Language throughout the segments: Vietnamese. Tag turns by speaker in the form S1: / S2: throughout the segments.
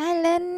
S1: Hi Linh,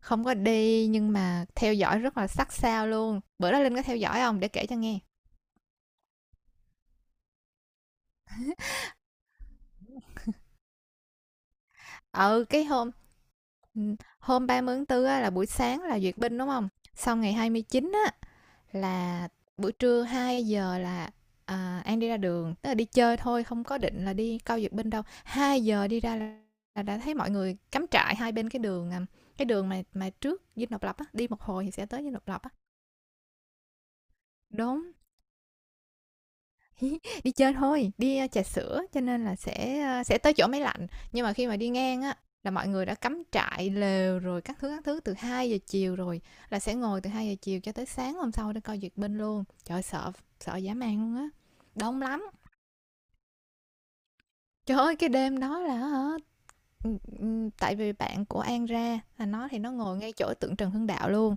S1: không có đi nhưng mà theo dõi rất là sát sao luôn. Bữa đó Linh có theo dõi không để kể cho nghe. Ừ, ừ, hôm 30 tháng 4 á, là buổi sáng là duyệt binh đúng không? Xong ngày 29 á, là buổi trưa 2 giờ là An đi ra đường, tức là đi chơi thôi, không có định là đi coi duyệt binh đâu. 2 giờ đi ra là đã thấy mọi người cắm trại hai bên cái đường mà trước Dinh Độc Lập á, đi một hồi thì sẽ tới Dinh Độc Lập á. Đúng. Đi chơi thôi, trà sữa cho nên là sẽ tới chỗ máy lạnh. Nhưng mà khi mà đi ngang á, là mọi người đã cắm trại, lều rồi các thứ từ 2 giờ chiều rồi, là sẽ ngồi từ 2 giờ chiều cho tới sáng hôm sau để coi duyệt binh luôn. Trời ơi, sợ sợ dã man luôn á, đông lắm. Trời ơi, cái đêm đó là hả, tại vì bạn của An ra, là nó thì nó ngồi ngay chỗ tượng Trần Hưng Đạo luôn,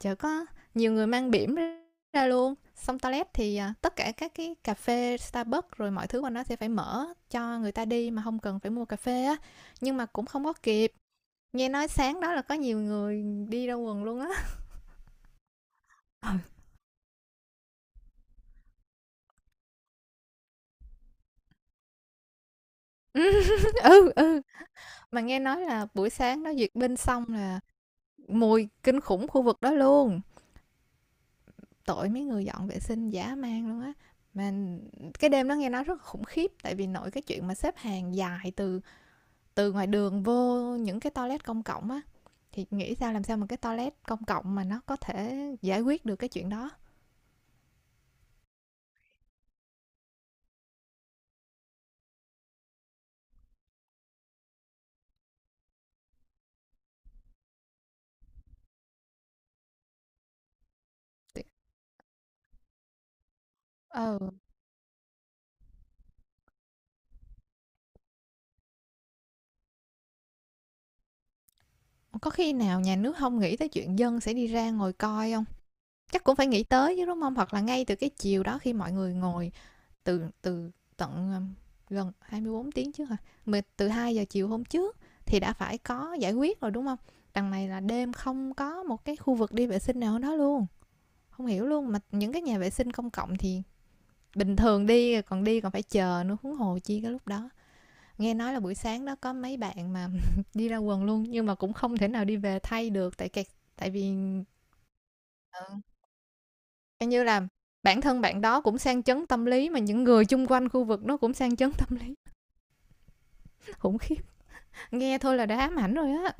S1: chợ có nhiều người mang bỉm ra luôn, xong toilet thì tất cả các cái cà phê Starbucks rồi mọi thứ của nó sẽ phải mở cho người ta đi mà không cần phải mua cà phê á, nhưng mà cũng không có kịp. Nghe nói sáng đó là có nhiều người đi ra quần luôn á. Ừ, ừ, mà nghe nói là buổi sáng đó duyệt binh xong là mùi kinh khủng khu vực đó luôn, tội mấy người dọn vệ sinh dã man luôn á. Mà cái đêm đó nghe nói rất khủng khiếp, tại vì nội cái chuyện mà xếp hàng dài từ từ ngoài đường vô những cái toilet công cộng á, thì nghĩ sao làm sao mà cái toilet công cộng mà nó có thể giải quyết được cái chuyện đó. Ờ, có khi nào nhà nước không nghĩ tới chuyện dân sẽ đi ra ngồi coi không, chắc cũng phải nghĩ tới chứ đúng không? Hoặc là ngay từ cái chiều đó khi mọi người ngồi từ từ tận gần 24 tiếng trước hả, mà từ 2 giờ chiều hôm trước thì đã phải có giải quyết rồi đúng không? Đằng này là đêm không có một cái khu vực đi vệ sinh nào đó luôn, không hiểu luôn, mà những cái nhà vệ sinh công cộng thì bình thường đi còn phải chờ nữa, huống hồ chi cái lúc đó. Nghe nói là buổi sáng đó có mấy bạn mà đi ra quần luôn nhưng mà cũng không thể nào đi về thay được tại kẹt, tại vì ừ, coi như là bản thân bạn đó cũng sang chấn tâm lý, mà những người chung quanh khu vực nó cũng sang chấn tâm lý. Khủng khiếp, nghe thôi là đã ám ảnh rồi á.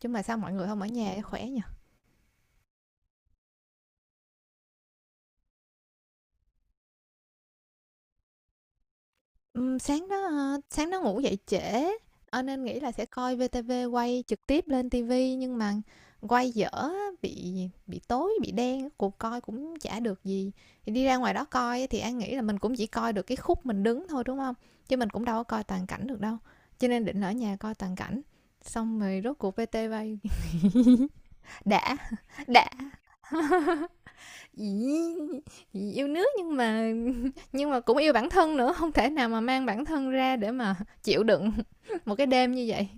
S1: Chứ mà sao mọi người không ở nhà khỏe nhỉ. Sáng đó ngủ dậy trễ, nên nghĩ là sẽ coi VTV quay trực tiếp lên ti vi nhưng mà quay dở á, bị bị tối, bị đen, cuộc coi cũng chả được gì. Thì đi ra ngoài đó coi á, thì An nghĩ là mình cũng chỉ coi được cái khúc mình đứng thôi, đúng không? Chứ mình cũng đâu có coi toàn cảnh được đâu, cho nên định ở nhà coi toàn cảnh, xong rồi rốt cuộc VTV. đã, đã, ì, yêu nước nhưng mà nhưng mà cũng yêu bản thân nữa, không thể nào mà mang bản thân ra để mà chịu đựng. Một cái đêm như vậy.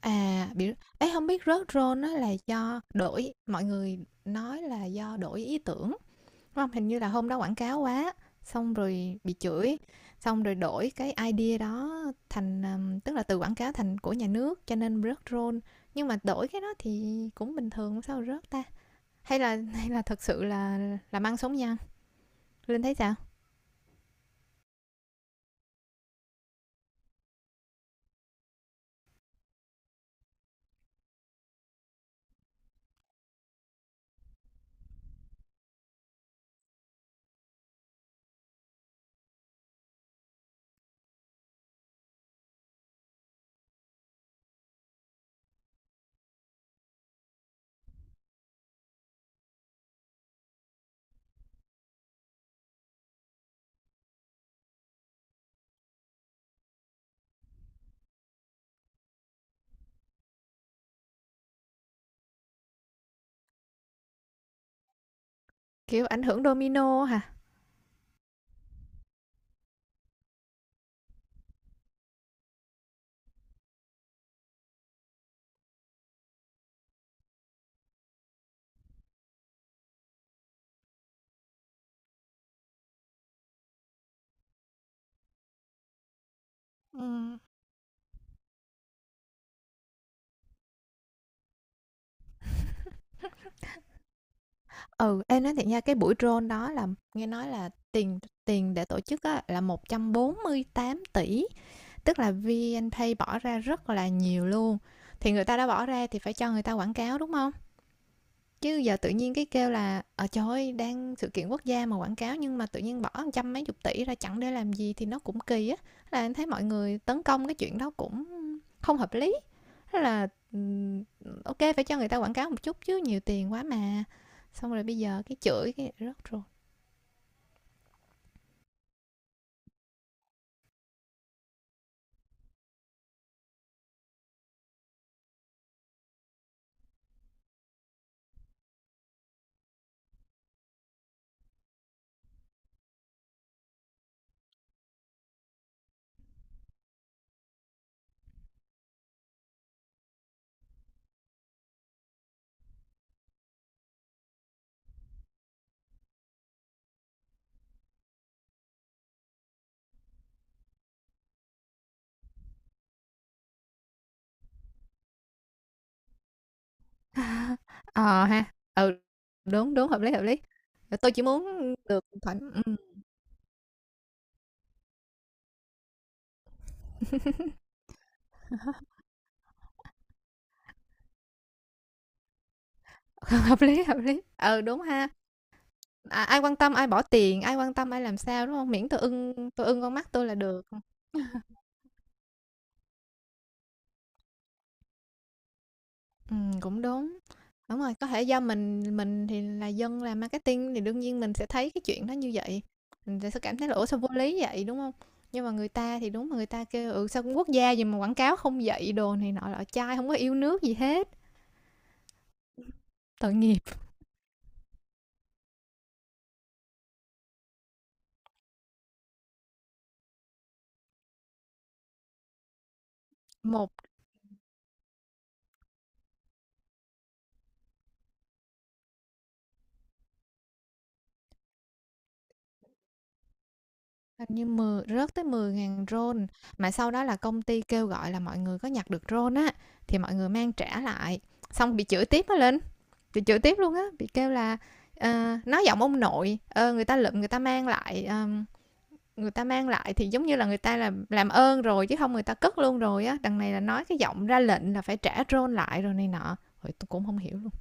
S1: À, bị ấy không biết rớt role á là do đổi, mọi người nói là do đổi ý tưởng, đúng không? Hình như là hôm đó quảng cáo quá, xong rồi bị chửi, xong rồi đổi cái idea đó thành, tức là từ quảng cáo thành của nhà nước cho nên rớt role. Nhưng mà đổi cái đó thì cũng bình thường, sao rớt ta? Hay là hay là thực sự là làm ăn sống nhăng? Linh thấy sao? Kiểu, ảnh hưởng domino hả? Ừm. Ừ, em nói thiệt nha, cái buổi drone đó là nghe nói là tiền tiền để tổ chức á, là 148 tỷ, tức là VNPay bỏ ra rất là nhiều luôn. Thì người ta đã bỏ ra thì phải cho người ta quảng cáo đúng không? Chứ giờ tự nhiên cái kêu là trời ơi, đang sự kiện quốc gia mà quảng cáo, nhưng mà tự nhiên bỏ một trăm mấy chục tỷ ra chẳng để làm gì thì nó cũng kỳ á. Là em thấy mọi người tấn công cái chuyện đó cũng không hợp lý. Thế là ok, phải cho người ta quảng cáo một chút chứ nhiều tiền quá mà. Xong rồi bây giờ cái chửi cái rớt rồi. Ờ ha. Ừ, đúng đúng, hợp lý hợp lý. Tôi chỉ muốn được thoải. Ừ, hợp lý hợp lý. Ừ, đúng ha. À, ai quan tâm ai bỏ tiền, ai quan tâm ai làm sao, đúng không? Miễn tôi ưng, tôi ưng con mắt tôi là được. Cũng đúng. Đúng rồi, có thể do mình thì là dân làm marketing thì đương nhiên mình sẽ thấy cái chuyện đó như vậy, mình sẽ cảm thấy là "Ủa, sao vô lý vậy?" Đúng không? Nhưng mà người ta thì đúng, mà người ta kêu: "Ừ, sao cũng quốc gia gì mà quảng cáo không dạy" đồ này nọ lọ chai, không có yêu nước gì hết, tội nghiệp. Một Hình như 10 rớt tới 10 ngàn RON, mà sau đó là công ty kêu gọi là mọi người có nhặt được RON á thì mọi người mang trả lại, xong bị chửi tiếp á Linh, bị chửi tiếp luôn á, bị kêu là nói giọng ông nội, người ta lượm người ta mang lại người ta mang lại thì giống như là người ta là làm ơn rồi chứ không người ta cất luôn rồi á, đằng này là nói cái giọng ra lệnh là phải trả RON lại rồi này nọ. Rồi tôi cũng không hiểu luôn.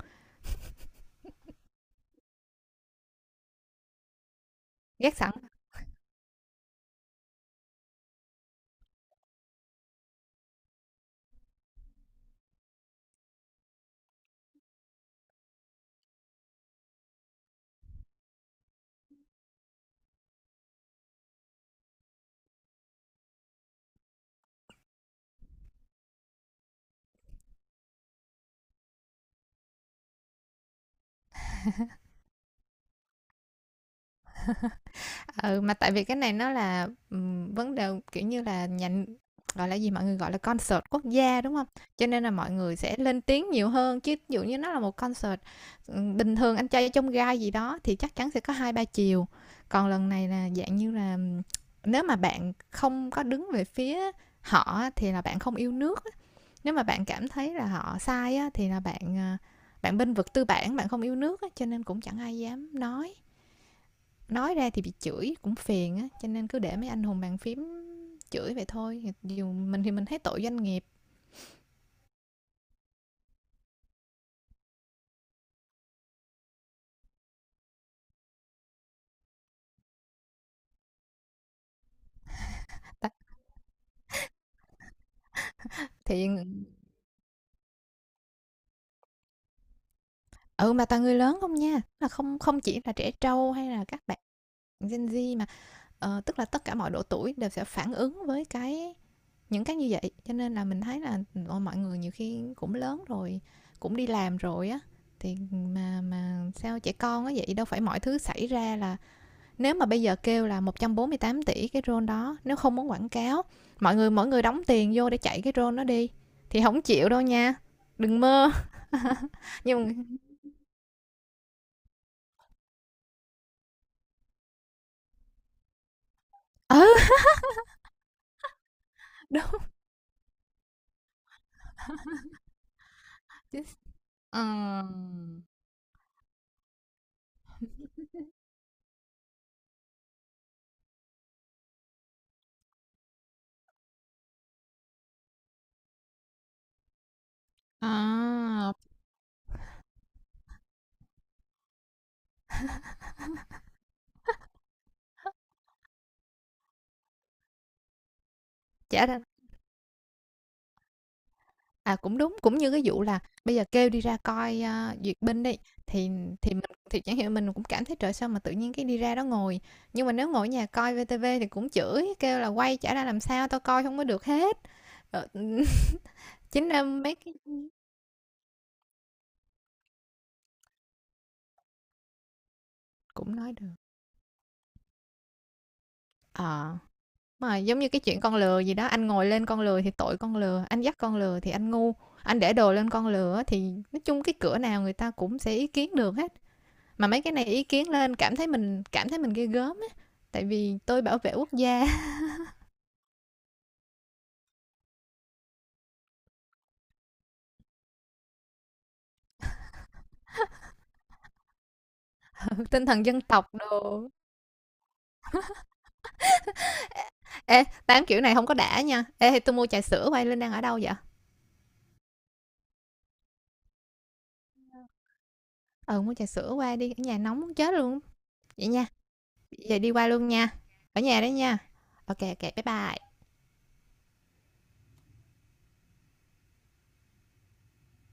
S1: Ghét sẵn. Ừ, mà tại vì cái này nó là, vấn đề, kiểu như là, nhà gọi là gì, mọi người gọi là concert quốc gia, đúng không? Cho nên là mọi người sẽ lên tiếng nhiều hơn, chứ ví dụ như nó là một concert, bình thường anh trai trong gai gì đó thì chắc chắn sẽ có hai ba chiều. Còn lần này là dạng như là, nếu mà bạn không có đứng về phía họ á thì là bạn không yêu nước á, nếu mà bạn cảm thấy là họ sai á thì là bạn, à, bạn bênh vực tư bản, bạn không yêu nước á, cho nên cũng chẳng ai dám nói ra thì bị chửi cũng phiền á, cho nên cứ để mấy anh hùng bàn phím chửi vậy thôi, dù mình thì mình thấy tội doanh nghiệp. Ta- thì ừ, mà toàn người lớn không nha, là không không chỉ là trẻ trâu hay là các bạn Gen Z, mà tức là tất cả mọi độ tuổi đều sẽ phản ứng với cái những cái như vậy, cho nên là mình thấy là mọi người nhiều khi cũng lớn rồi, cũng đi làm rồi á, thì mà sao trẻ con á vậy, đâu phải mọi thứ xảy ra là nếu mà bây giờ kêu là 148 tỷ cái drone đó nếu không muốn quảng cáo, mọi người mỗi người đóng tiền vô để chạy cái drone nó đi thì không chịu đâu nha, đừng mơ. Nhưng mà ừ, đúng. chính- À, chả ra. À, cũng đúng, cũng như cái vụ là bây giờ kêu đi ra coi à, duyệt binh đi, thì thì mình thì chẳng hiểu, mình cũng cảm thấy trời sao mà tự nhiên cái đi ra đó ngồi, nhưng mà nếu ngồi ở nhà coi VTV thì cũng chửi kêu là quay chả ra làm sao tao coi không có được hết. Ờ, chính ra mấy cái cũng nói được. Ờ. Mà giống như cái chuyện con lừa gì đó, anh ngồi lên con lừa thì tội con lừa, anh dắt con lừa thì anh ngu, anh để đồ lên con lừa thì nói chung cái cửa nào người ta cũng sẽ ý kiến được hết. Mà mấy cái này ý kiến lên cảm thấy mình ghê gớm á, tại vì tôi bảo vệ quốc gia. Tinh thần dân tộc đồ. Ê, tám kiểu này không có đã nha. Ê, thì tôi mua trà sữa quay lên đang ở đâu vậy? Ừ, mua trà sữa qua đi, ở nhà nóng muốn chết luôn. Vậy nha, vậy đi qua luôn nha. Ở nhà đấy nha. Ok, ok, bye bye.